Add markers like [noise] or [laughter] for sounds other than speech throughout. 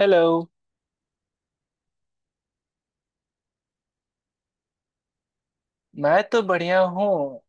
Hello. मैं तो बढ़िया हूँ।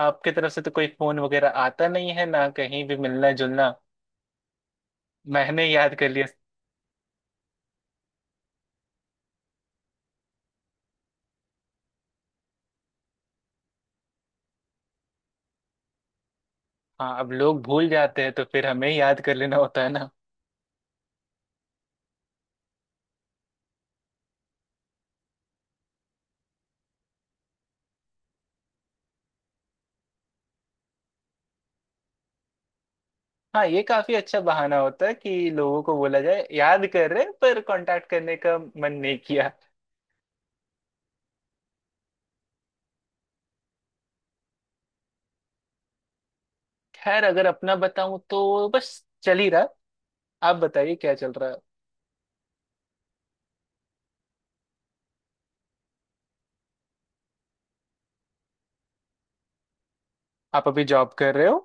आपके तरफ से तो कोई फोन वगैरह आता नहीं है ना, कहीं भी मिलना जुलना। मैंने याद कर लिया। हाँ, अब लोग भूल जाते हैं तो फिर हमें याद कर लेना होता है ना। हाँ, ये काफी अच्छा बहाना होता है कि लोगों को बोला जाए याद कर रहे हैं, पर कांटेक्ट करने का मन नहीं किया। खैर, अगर अपना बताऊं तो बस चल ही रहा। आप बताइए क्या चल रहा है। आप अभी जॉब कर रहे हो?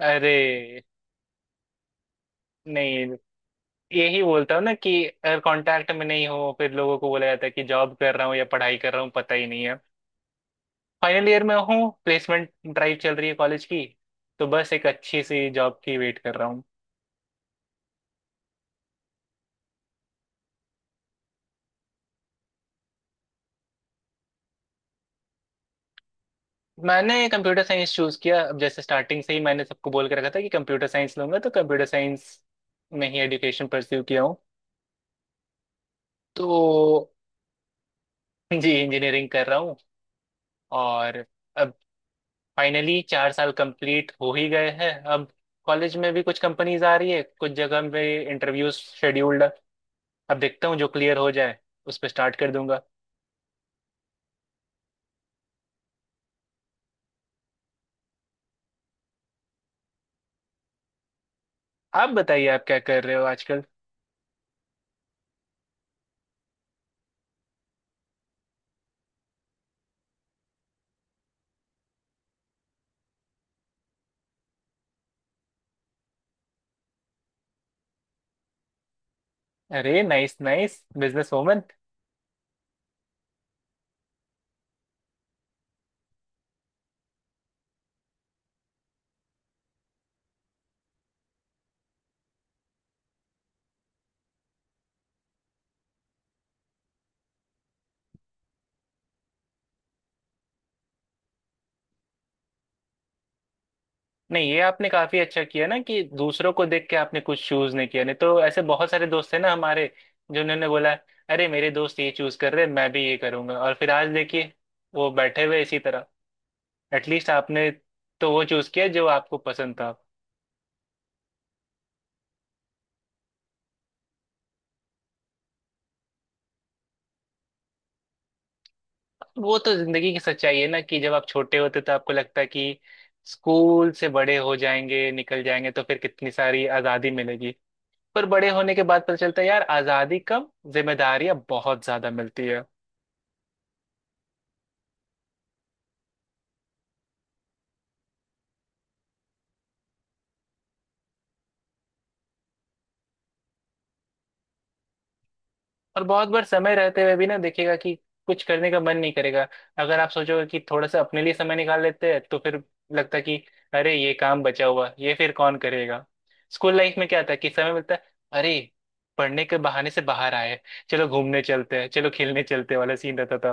अरे नहीं। यही बोलता हूँ ना कि अगर कांटेक्ट में नहीं हो फिर लोगों को बोला जाता है कि जॉब कर रहा हूँ या पढ़ाई कर रहा हूँ, पता ही नहीं है। फाइनल ईयर में हूँ, प्लेसमेंट ड्राइव चल रही है कॉलेज की। तो बस एक अच्छी सी जॉब की वेट कर रहा हूँ। मैंने कंप्यूटर साइंस चूज किया। अब जैसे स्टार्टिंग से ही मैंने सबको बोल के रखा था कि कंप्यूटर साइंस लूंगा तो कंप्यूटर साइंस में ही एजुकेशन परस्यू किया हूँ। तो जी, इंजीनियरिंग कर रहा हूँ। और अब फाइनली चार साल कंप्लीट हो ही गए हैं। अब कॉलेज में भी कुछ कंपनीज आ रही है, कुछ जगह पे इंटरव्यूज शेड्यूल्ड है। अब देखता हूँ जो क्लियर हो जाए उस पर स्टार्ट कर दूंगा। आप बताइए आप क्या कर रहे हो आजकल। अरे नाइस नाइस, बिजनेस वूमन। नहीं, ये आपने काफी अच्छा किया ना कि दूसरों को देख के आपने कुछ चूज नहीं किया। नहीं तो ऐसे बहुत सारे दोस्त हैं ना हमारे, जिन्होंने बोला अरे मेरे दोस्त ये चूज कर रहे हैं मैं भी ये करूंगा, और फिर आज देखिए वो बैठे हुए इसी तरह। एटलीस्ट आपने तो वो चूज किया जो आपको पसंद था। वो तो जिंदगी की सच्चाई है ना कि जब आप छोटे होते तो आपको लगता है कि स्कूल से बड़े हो जाएंगे, निकल जाएंगे तो फिर कितनी सारी आजादी मिलेगी। पर बड़े होने के बाद पता चलता है यार, आजादी कम, जिम्मेदारियां बहुत ज्यादा मिलती है। और बहुत बार समय रहते हुए भी ना देखिएगा कि कुछ करने का मन नहीं करेगा। अगर आप सोचोगे कि थोड़ा सा अपने लिए समय निकाल लेते हैं तो फिर लगता है कि अरे ये काम बचा हुआ ये फिर कौन करेगा। स्कूल लाइफ में क्या था कि समय मिलता है, अरे पढ़ने के बहाने से बाहर आए, चलो घूमने चलते हैं चलो खेलने चलते हैं वाला सीन रहता था।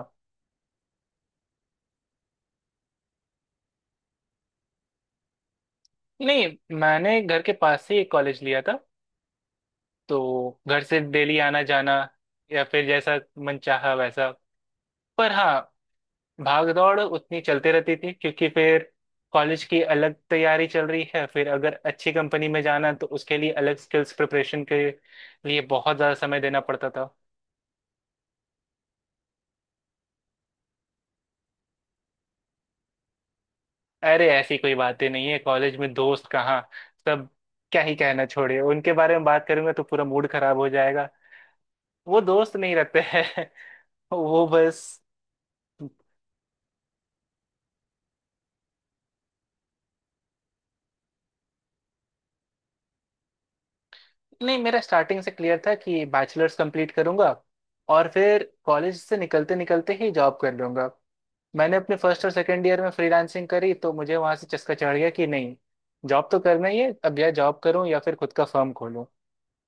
नहीं, मैंने घर के पास से एक कॉलेज लिया था, तो घर से डेली आना जाना। या फिर जैसा मन चाहा वैसा। पर हाँ, भाग दौड़ उतनी चलते रहती थी क्योंकि फिर कॉलेज की अलग तैयारी चल रही है, फिर अगर अच्छी कंपनी में जाना तो उसके लिए अलग स्किल्स प्रिपरेशन के लिए बहुत ज़्यादा समय देना पड़ता था। अरे ऐसी कोई बातें नहीं है, कॉलेज में दोस्त कहाँ। सब, क्या ही कहना, छोड़िए, उनके बारे में बात करूंगा तो पूरा मूड खराब हो जाएगा। वो दोस्त नहीं रहते हैं। [laughs] वो बस। नहीं, मेरा स्टार्टिंग से क्लियर था कि बैचलर्स कंप्लीट करूंगा और फिर कॉलेज से निकलते निकलते ही जॉब कर लूंगा। मैंने अपने फर्स्ट और सेकंड ईयर में फ्रीलांसिंग करी तो मुझे वहां से चस्का चढ़ गया कि नहीं, जॉब तो करना ही है अब। या जॉब करूं या फिर खुद का फर्म खोलूं,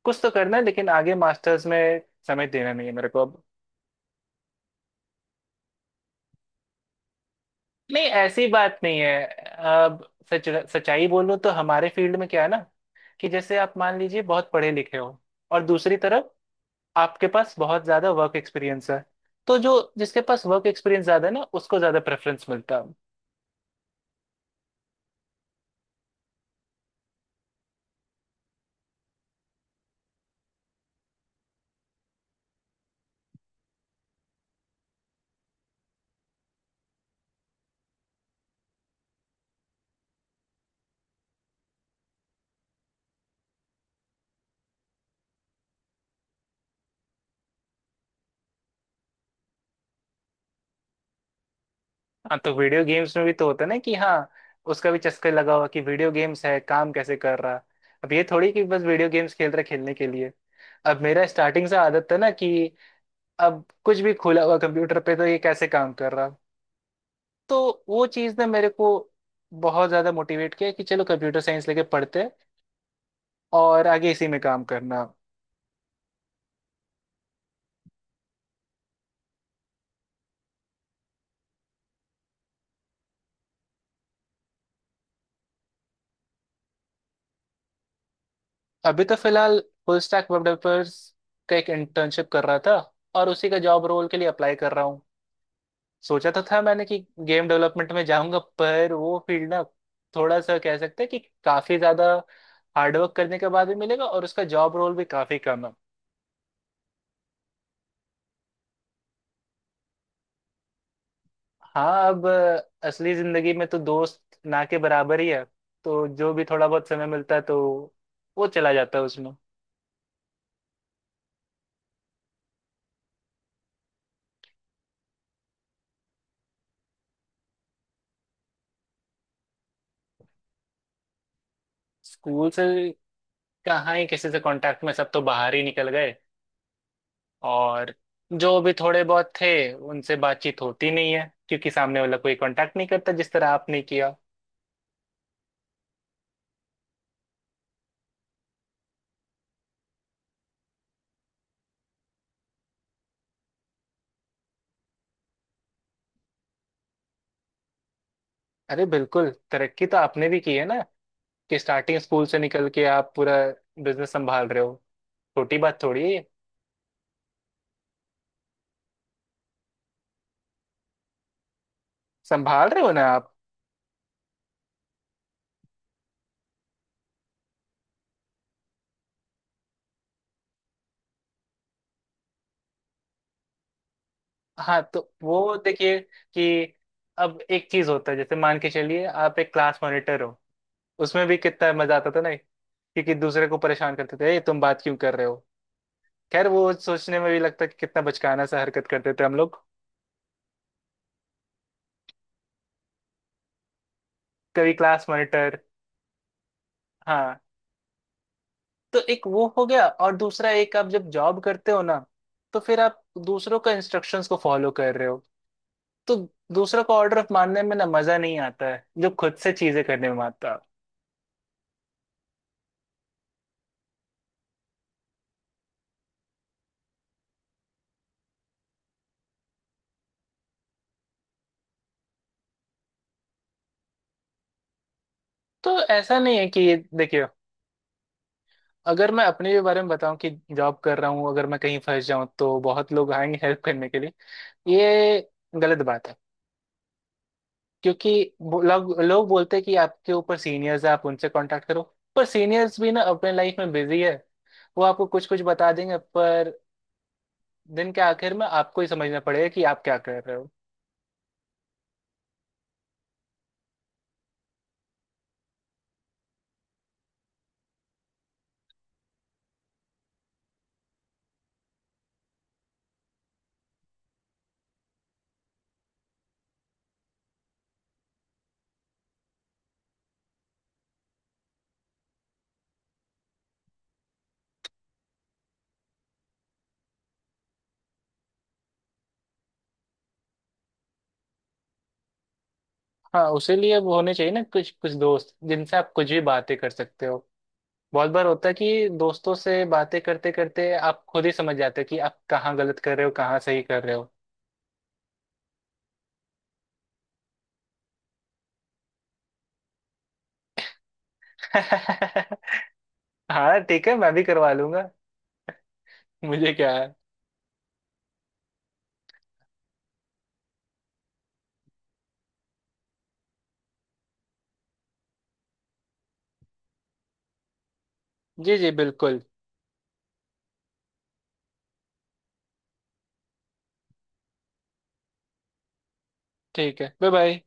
कुछ तो करना है। लेकिन आगे मास्टर्स में समय देना नहीं है मेरे को अब। नहीं, ऐसी बात नहीं है। अब सच, सच्चाई बोलूं तो हमारे फील्ड में क्या है ना कि जैसे आप मान लीजिए बहुत पढ़े लिखे हो और दूसरी तरफ आपके पास बहुत ज्यादा वर्क एक्सपीरियंस है, तो जो जिसके पास वर्क एक्सपीरियंस ज्यादा है ना उसको ज्यादा प्रेफरेंस मिलता है। हाँ, तो वीडियो गेम्स में भी तो होता है ना कि हाँ, उसका भी चस्का लगा हुआ कि वीडियो गेम्स है काम कैसे कर रहा। अब ये थोड़ी कि बस वीडियो गेम्स खेल रहा है खेलने के लिए। अब मेरा स्टार्टिंग से आदत था ना कि अब कुछ भी खुला हुआ कंप्यूटर पे तो ये कैसे काम कर रहा। तो वो चीज़ ने मेरे को बहुत ज़्यादा मोटिवेट किया कि चलो कंप्यूटर साइंस लेके पढ़ते हैं और आगे इसी में काम करना। अभी तो फिलहाल फुल स्टैक वेब डेवलपर्स का एक इंटर्नशिप कर रहा था और उसी का जॉब रोल के लिए अप्लाई कर रहा हूँ। सोचा तो था मैंने कि गेम डेवलपमेंट में जाऊंगा, पर वो फील्ड ना थोड़ा सा कह सकते हैं कि काफी ज्यादा हार्डवर्क करने के बाद भी मिलेगा और उसका जॉब रोल भी काफी कम है। हाँ, अब असली जिंदगी में तो दोस्त ना के बराबर ही है, तो जो भी थोड़ा बहुत समय मिलता है तो वो चला जाता है उसमें। स्कूल से कहाँ ही किसी से कांटेक्ट में, सब तो बाहर ही निकल गए और जो भी थोड़े बहुत थे उनसे बातचीत होती नहीं है क्योंकि सामने वाला कोई कांटेक्ट नहीं करता जिस तरह आपने किया। अरे बिल्कुल, तरक्की तो आपने भी की है ना कि स्टार्टिंग स्कूल से निकल के आप पूरा बिजनेस संभाल रहे हो। छोटी बात थोड़ी है। संभाल रहे हो ना आप। हाँ, तो वो देखिए कि अब एक चीज होता है जैसे मान के चलिए आप एक क्लास मॉनिटर हो, उसमें भी कितना मजा आता था ना, क्योंकि दूसरे को परेशान करते थे ए तुम बात क्यों कर रहे हो। खैर वो सोचने में भी लगता है कि कितना बचकाना सा हरकत करते थे हम लोग। कभी क्लास मॉनिटर। हाँ, तो एक वो हो गया और दूसरा एक, आप जब जॉब करते हो ना तो फिर आप दूसरों का इंस्ट्रक्शंस को फॉलो कर रहे हो, तो दूसरों का ऑर्डर ऑफ मानने में ना मजा नहीं आता है जो खुद से चीजें करने में आता है। तो ऐसा नहीं है कि देखियो, अगर मैं अपने भी बारे में बताऊं कि जॉब कर रहा हूं अगर मैं कहीं फंस जाऊं तो बहुत लोग आएंगे हेल्प करने के लिए। ये गलत बात है, क्योंकि वो लोग लोग बोलते हैं कि आपके ऊपर सीनियर्स है आप उनसे कांटेक्ट करो। पर सीनियर्स भी ना अपने लाइफ में बिजी है। वो आपको कुछ कुछ बता देंगे, पर दिन के आखिर में आपको ही समझना पड़ेगा कि आप क्या कर रहे हो। हाँ, उसी लिए वो होने चाहिए ना कुछ कुछ दोस्त जिनसे आप कुछ भी बातें कर सकते हो। बहुत बार होता है कि दोस्तों से बातें करते करते आप खुद ही समझ जाते हो कि आप कहाँ गलत कर रहे हो कहाँ सही कर रहे हो। [laughs] हाँ ठीक है, मैं भी करवा लूंगा। मुझे क्या है। जी जी, बिल्कुल। ठीक है। Bye bye.